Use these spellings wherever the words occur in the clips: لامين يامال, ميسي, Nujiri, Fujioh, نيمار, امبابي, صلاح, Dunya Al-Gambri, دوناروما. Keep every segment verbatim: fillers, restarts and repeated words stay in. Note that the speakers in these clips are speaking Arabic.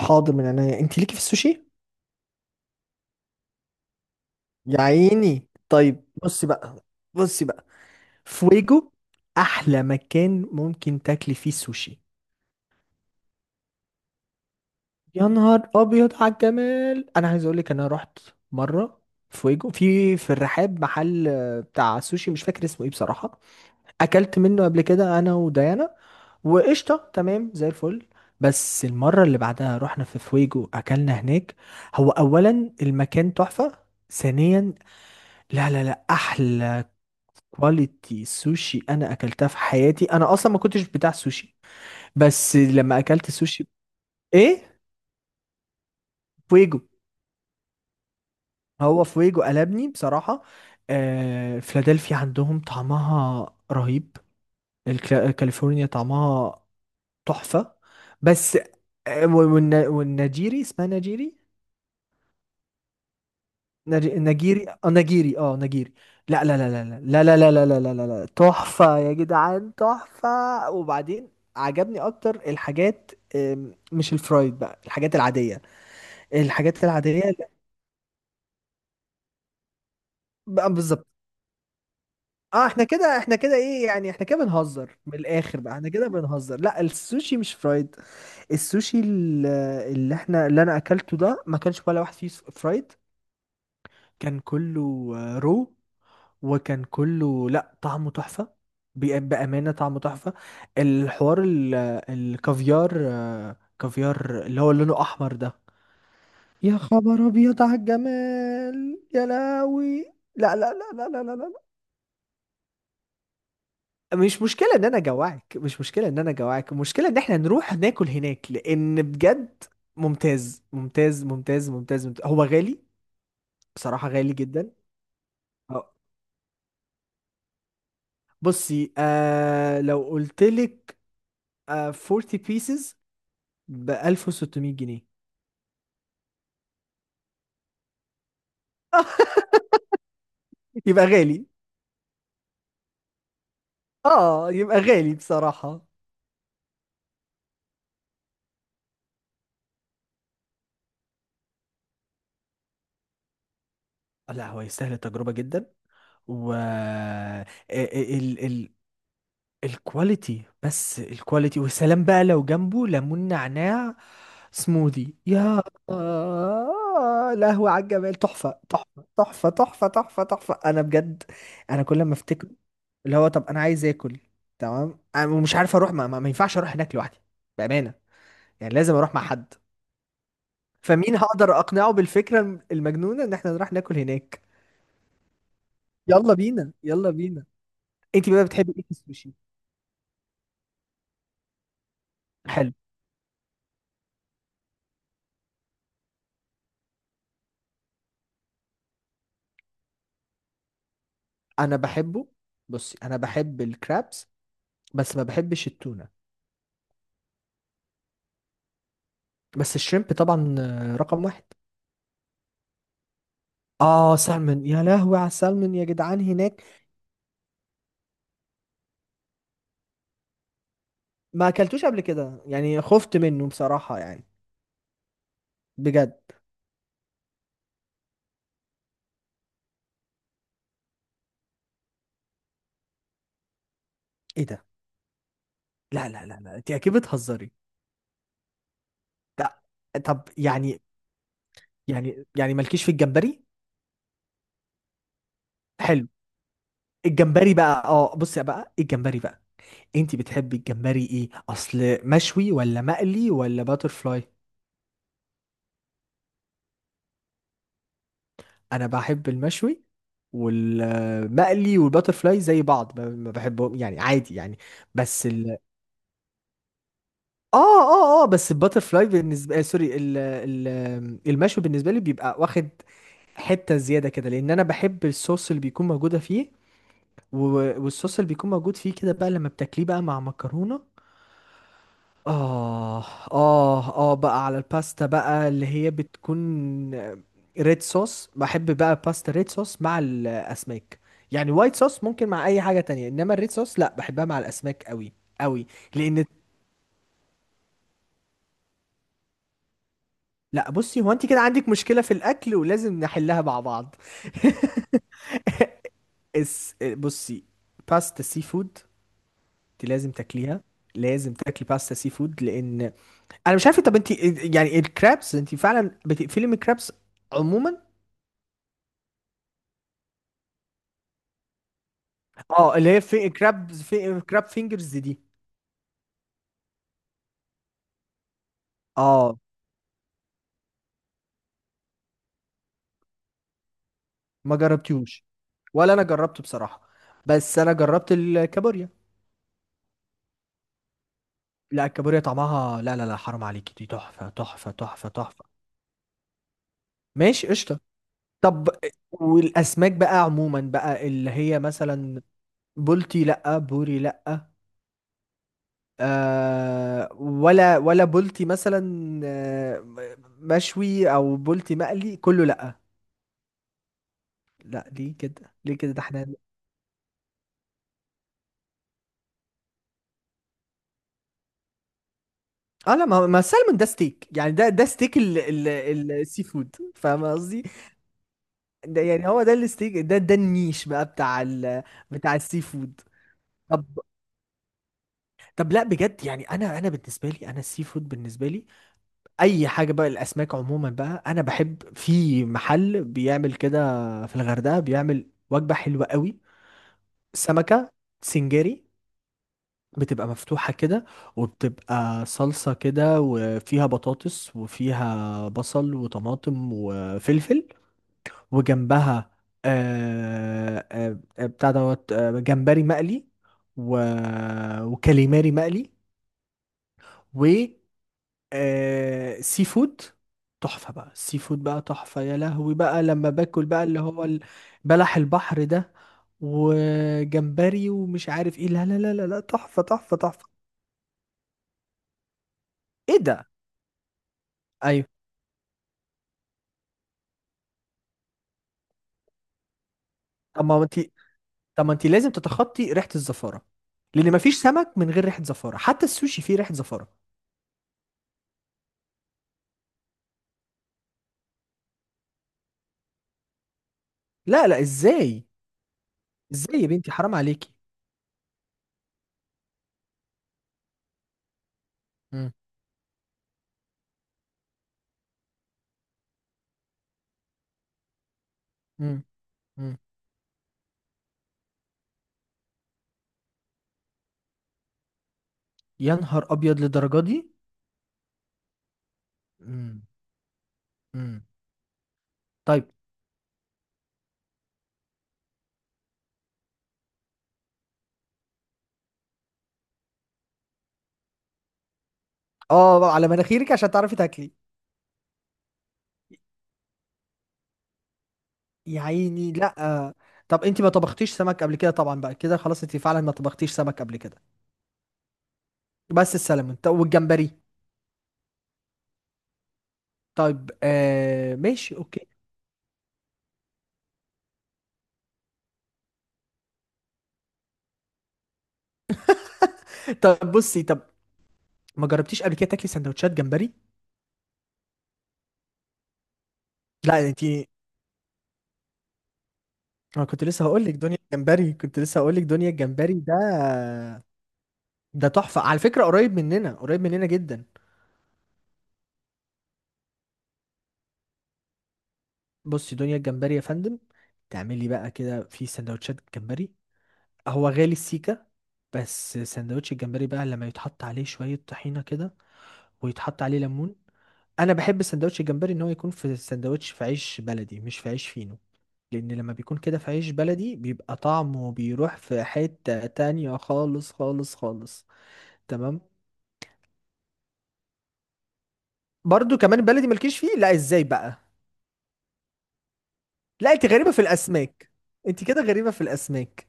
حاضر من عينيا. انت ليكي في السوشي؟ يا عيني طيب، بصي بقى. بصي بقى فويجو، احلى مكان ممكن تاكلي فيه سوشي. يا نهار ابيض على الجمال، انا عايز اقول لك انا رحت مره. فويجو في في الرحاب، محل آه، بتاع سوشي، مش فاكر اسمه ايه بصراحه. اكلت منه قبل كده انا وديانا، وقشطه تمام زي الفل. بس المره اللي بعدها رحنا في فويجو، اكلنا هناك. هو اولا المكان تحفه، ثانيا، لا لا لا، احلى كواليتي سوشي انا اكلتها في حياتي. انا اصلا ما كنتش بتاع سوشي، بس لما اكلت سوشي. ايه؟ فويجو. هو فويجو قلبني بصراحة. آه، فيلادلفيا عندهم طعمها رهيب. الكلا- كاليفورنيا طعمها تحفة. بس آه، والن- والنجيري، اسمها نجيري. نج- نجيري اه نجيري اه نجيري. لا لا لا لا لا لا لا لا لا لا لا لا لا، تحفة يا جدعان، تحفة. وبعدين عجبني اكتر الحاجات، آم، مش الفرايد بقى، الحاجات العادية، الحاجات العادية. بقى بالظبط. اه احنا كده، احنا كده ايه يعني؟ احنا كده بنهزر من الاخر بقى، احنا كده بنهزر. لا السوشي مش فرايد. السوشي ال- اللي احنا، اللي انا اكلته ده ما كانش ولا واحد فيه فرايد. كان كله آه، رو وكان كله، لا طعمه تحفة. بأ- بأمانة طعمه تحفة. الحوار ال- الكافيار، آه، كافيار اللي هو لونه أحمر ده. يا خبر أبيض على الجمال، يا لهوي، لا لا لا لا لا لا لا. مش مشكلة إن أنا جوعك، مش مشكلة إن أنا جوعك، المشكلة إن إحنا نروح ناكل هناك، لأن بجد ممتاز ممتاز ممتاز ممتاز، ممتاز. هو غالي بصراحة، غالي جدا. أه. بصي، آه لو قلت لك، آه أربعين pieces ب ألف وستمية جنيه. يبقى غالي. اه يبقى غالي بصراحة. لا هو يستاهل التجربة جدا. و ال ال الكواليتي، بس الكواليتي والسلام بقى. لو جنبه ليمون نعناع سموذي، يا لهوي على الجمال، تحفة تحفة تحفة تحفة تحفة تحفة. أنا بجد، أنا كل ما أفتكر اللي هو، طب أنا عايز آكل. تمام، أنا مش عارف أروح، ما, ما ما ينفعش أروح هناك لوحدي بأمانة. يعني لازم أروح مع حد. فمين هقدر اقنعه بالفكره المجنونه ان احنا نروح ناكل هناك. يلا بينا، يلا بينا. انت بقى بتحبي ايه في السوشي؟ حلو. انا بحبه. بصي انا بحب الكرابس، بس ما بحبش التونه. بس الشrimب طبعا، آه، رقم واحد. اه سالمون، يا لهوي على السالمون يا جدعان هناك. ما اكلتوش قبل كده يعني، خفت منه بصراحه يعني. بجد. ايه ده؟ لا لا لا لا، انت اكيد بتهزري. لا. طب يعني، يعني يعني مالكيش في الجمبري؟ حلو. الجمبري بقى، اه بصي بقى، الجمبري بقى انتي بتحبي الجمبري ايه؟ اصل مشوي ولا مقلي ولا باترفلاي؟ انا بحب المشوي، والمقلي والباترفلاي زي بعض، ما ما بحبهم يعني، عادي يعني. بس ال اه اه اه بس الباترفلاي بالنسبه، آه سوري ال... ال... المشوي بالنسبه لي بيبقى واخد حته زياده كده، لان انا بحب الصوص اللي بيكون موجوده فيه. و- والصوص اللي بيكون موجود فيه كده بقى، لما بتاكليه بقى مع مكرونه. آه آه آه بقى على الباستا بقى اللي هي بتكون ريد صوص. بحب بقى باستا ريد صوص مع الأسماك، يعني وايت صوص ممكن مع أي حاجة تانية، إنما الريد صوص لأ، بحبها مع الأسماك أوي أوي. لأن لأ، بصي، هو أنت كده عندك مشكلة في الأكل ولازم نحلها مع بعض. اس بصي، باستا سي فود دي لازم تاكليها. لازم تاكلي باستا سي فود، لأن أنا مش عارفة. طب أنت يعني، الكرابس أنت فعلا بتقفلي من الكرابس عموما؟ اه اللي هي في كراب، في كراب فينجرز دي. اه، ما جربتوش. ولا انا جربته بصراحة، بس انا جربت الكابوريا. لا الكابوريا طعمها، لا لا لا حرام عليكي، دي تحفة تحفة تحفة تحفة. ماشي قشطة. طب والاسماك بقى عموما بقى، اللي هي مثلا بولتي لا، بوري لا، آه ولا ولا بولتي مثلا، آه مشوي او بولتي مقلي، كله لا. لا ليه كده؟ ليه كده؟ ده احنا. اه لا ما ما السلمون ده ستيك يعني، ده ده ستيك ال ال ال- السي فود، فاهم قصدي؟ ده يعني هو ده الستيك، ده ده النيش بقى بتاع ال، بتاع السي فود. طب طب، لا بجد يعني، انا انا بالنسبه لي، انا السي فود بالنسبه لي اي حاجه بقى. الاسماك عموما بقى، انا بحب في محل بيعمل كده في الغردقه، بيعمل وجبه حلوه قوي. سمكه سنجاري، بتبقى مفتوحة كده، وبتبقى صلصة كده وفيها بطاطس وفيها بصل وطماطم وفلفل، وجنبها آه آه آه، بتاع دوت آه جمبري مقلي، و... وكاليماري مقلي، و آه سي فود. تحفة بقى، السي فود بقى تحفة. يا لهوي بقى لما باكل بقى اللي هو ال- بلح البحر ده، وجمبري ومش عارف ايه، لا لا لا لا لا تحفة تحفة تحفة. ايه ده؟ ايوه. طب ما انت طب ما انت لازم تتخطي ريحه الزفاره، لان مفيش سمك من غير ريحه زفاره، حتى السوشي فيه ريحه زفاره. لا لا، ازاي؟ ازاي يا بنتي حرام عليكي. مم. مم. مم. يا نهار ابيض، للدرجه دي؟ مم. مم. طيب. اه بقى على مناخيرك عشان تعرفي تاكلي. يا عيني لا. طب انت ما طبختيش سمك قبل كده طبعا بقى كده، خلاص انت فعلا ما طبختيش سمك قبل كده. بس السلمون؟ طب والجمبري؟ طيب آه ماشي اوكي. طب بصي، طب ما جربتيش قبل كده تاكلي سندوتشات جمبري؟ لا انت، انا كنت لسه هقول لك دنيا الجمبري، كنت لسه هقول لك دنيا الجمبري ده، ده تحفه على فكره، قريب مننا، قريب مننا جدا. بصي دنيا الجمبري يا فندم، تعملي بقى كده في سندوتشات جمبري. هو غالي السيكه، بس سندوتش الجمبري بقى لما يتحط عليه شويه طحينه كده، ويتحط عليه ليمون. انا بحب سندوتش الجمبري ان هو يكون في سندوتش في عيش بلدي، مش في عيش فينو. لان لما بيكون كده في عيش بلدي بيبقى طعمه بيروح في حتة تانية، خالص خالص خالص. تمام. برضو كمان بلدي مالكيش فيه؟ لا ازاي بقى؟ لا انت غريبة في الاسماك، انت كده غريبة في الاسماك.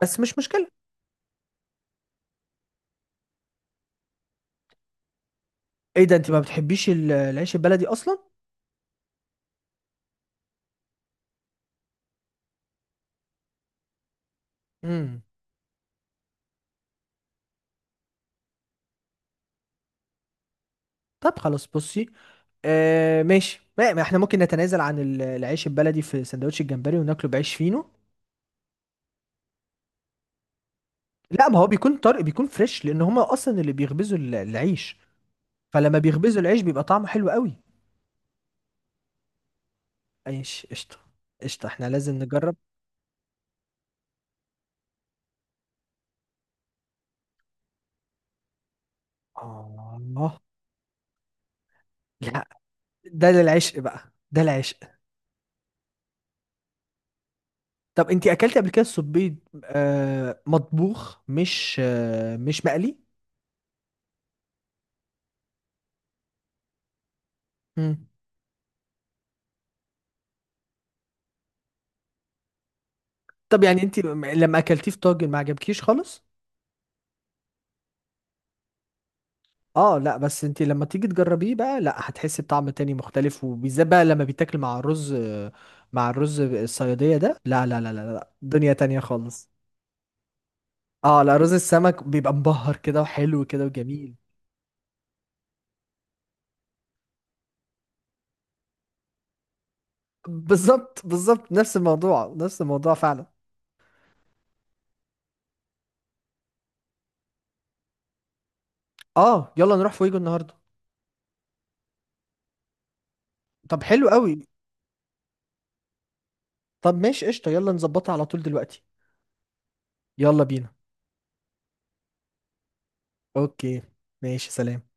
بس مش مشكلة. ايه ده؟ انت ما بتحبيش ال- العيش البلدي اصلا؟ امم. طب خلاص بصي، آه ماشي، ما ما احنا ممكن نتنازل عن ال- العيش البلدي في سندوتش الجمبري، وناكله بعيش فينو. لا ما هو بيكون طري، بيكون فريش، لان هما اصلا اللي بيخبزوا ال- العيش. فلما بيخبزوا العيش بيبقى طعمه حلو قوي. ايش قشطة، قشطة، احنا لازم نجرب. اه لا ده العشق بقى، ده العشق. طب انت اكلتي قبل كده السبيط آه مطبوخ، مش آه مش مقلي؟ مم. طب يعني، انت م- لما اكلتيه في طاجن ما عجبكيش خالص؟ اه لا، بس انت لما تيجي تجربيه بقى لا هتحسي بطعم تاني مختلف، وبالذات بقى لما بيتاكل مع الرز، آه، مع الرز الصيادية ده، لا لا لا لا لا، دنيا تانية خالص. اه لا رز السمك بيبقى مبهر كده وحلو كده وجميل. بالظبط بالظبط، نفس الموضوع، نفس الموضوع فعلا. اه يلا نروح فويجو النهارده. طب حلو قوي. طب ماشي قشطة، يلا نظبطها على طول دلوقتي. يلا بينا. اوكي. ماشي سلام.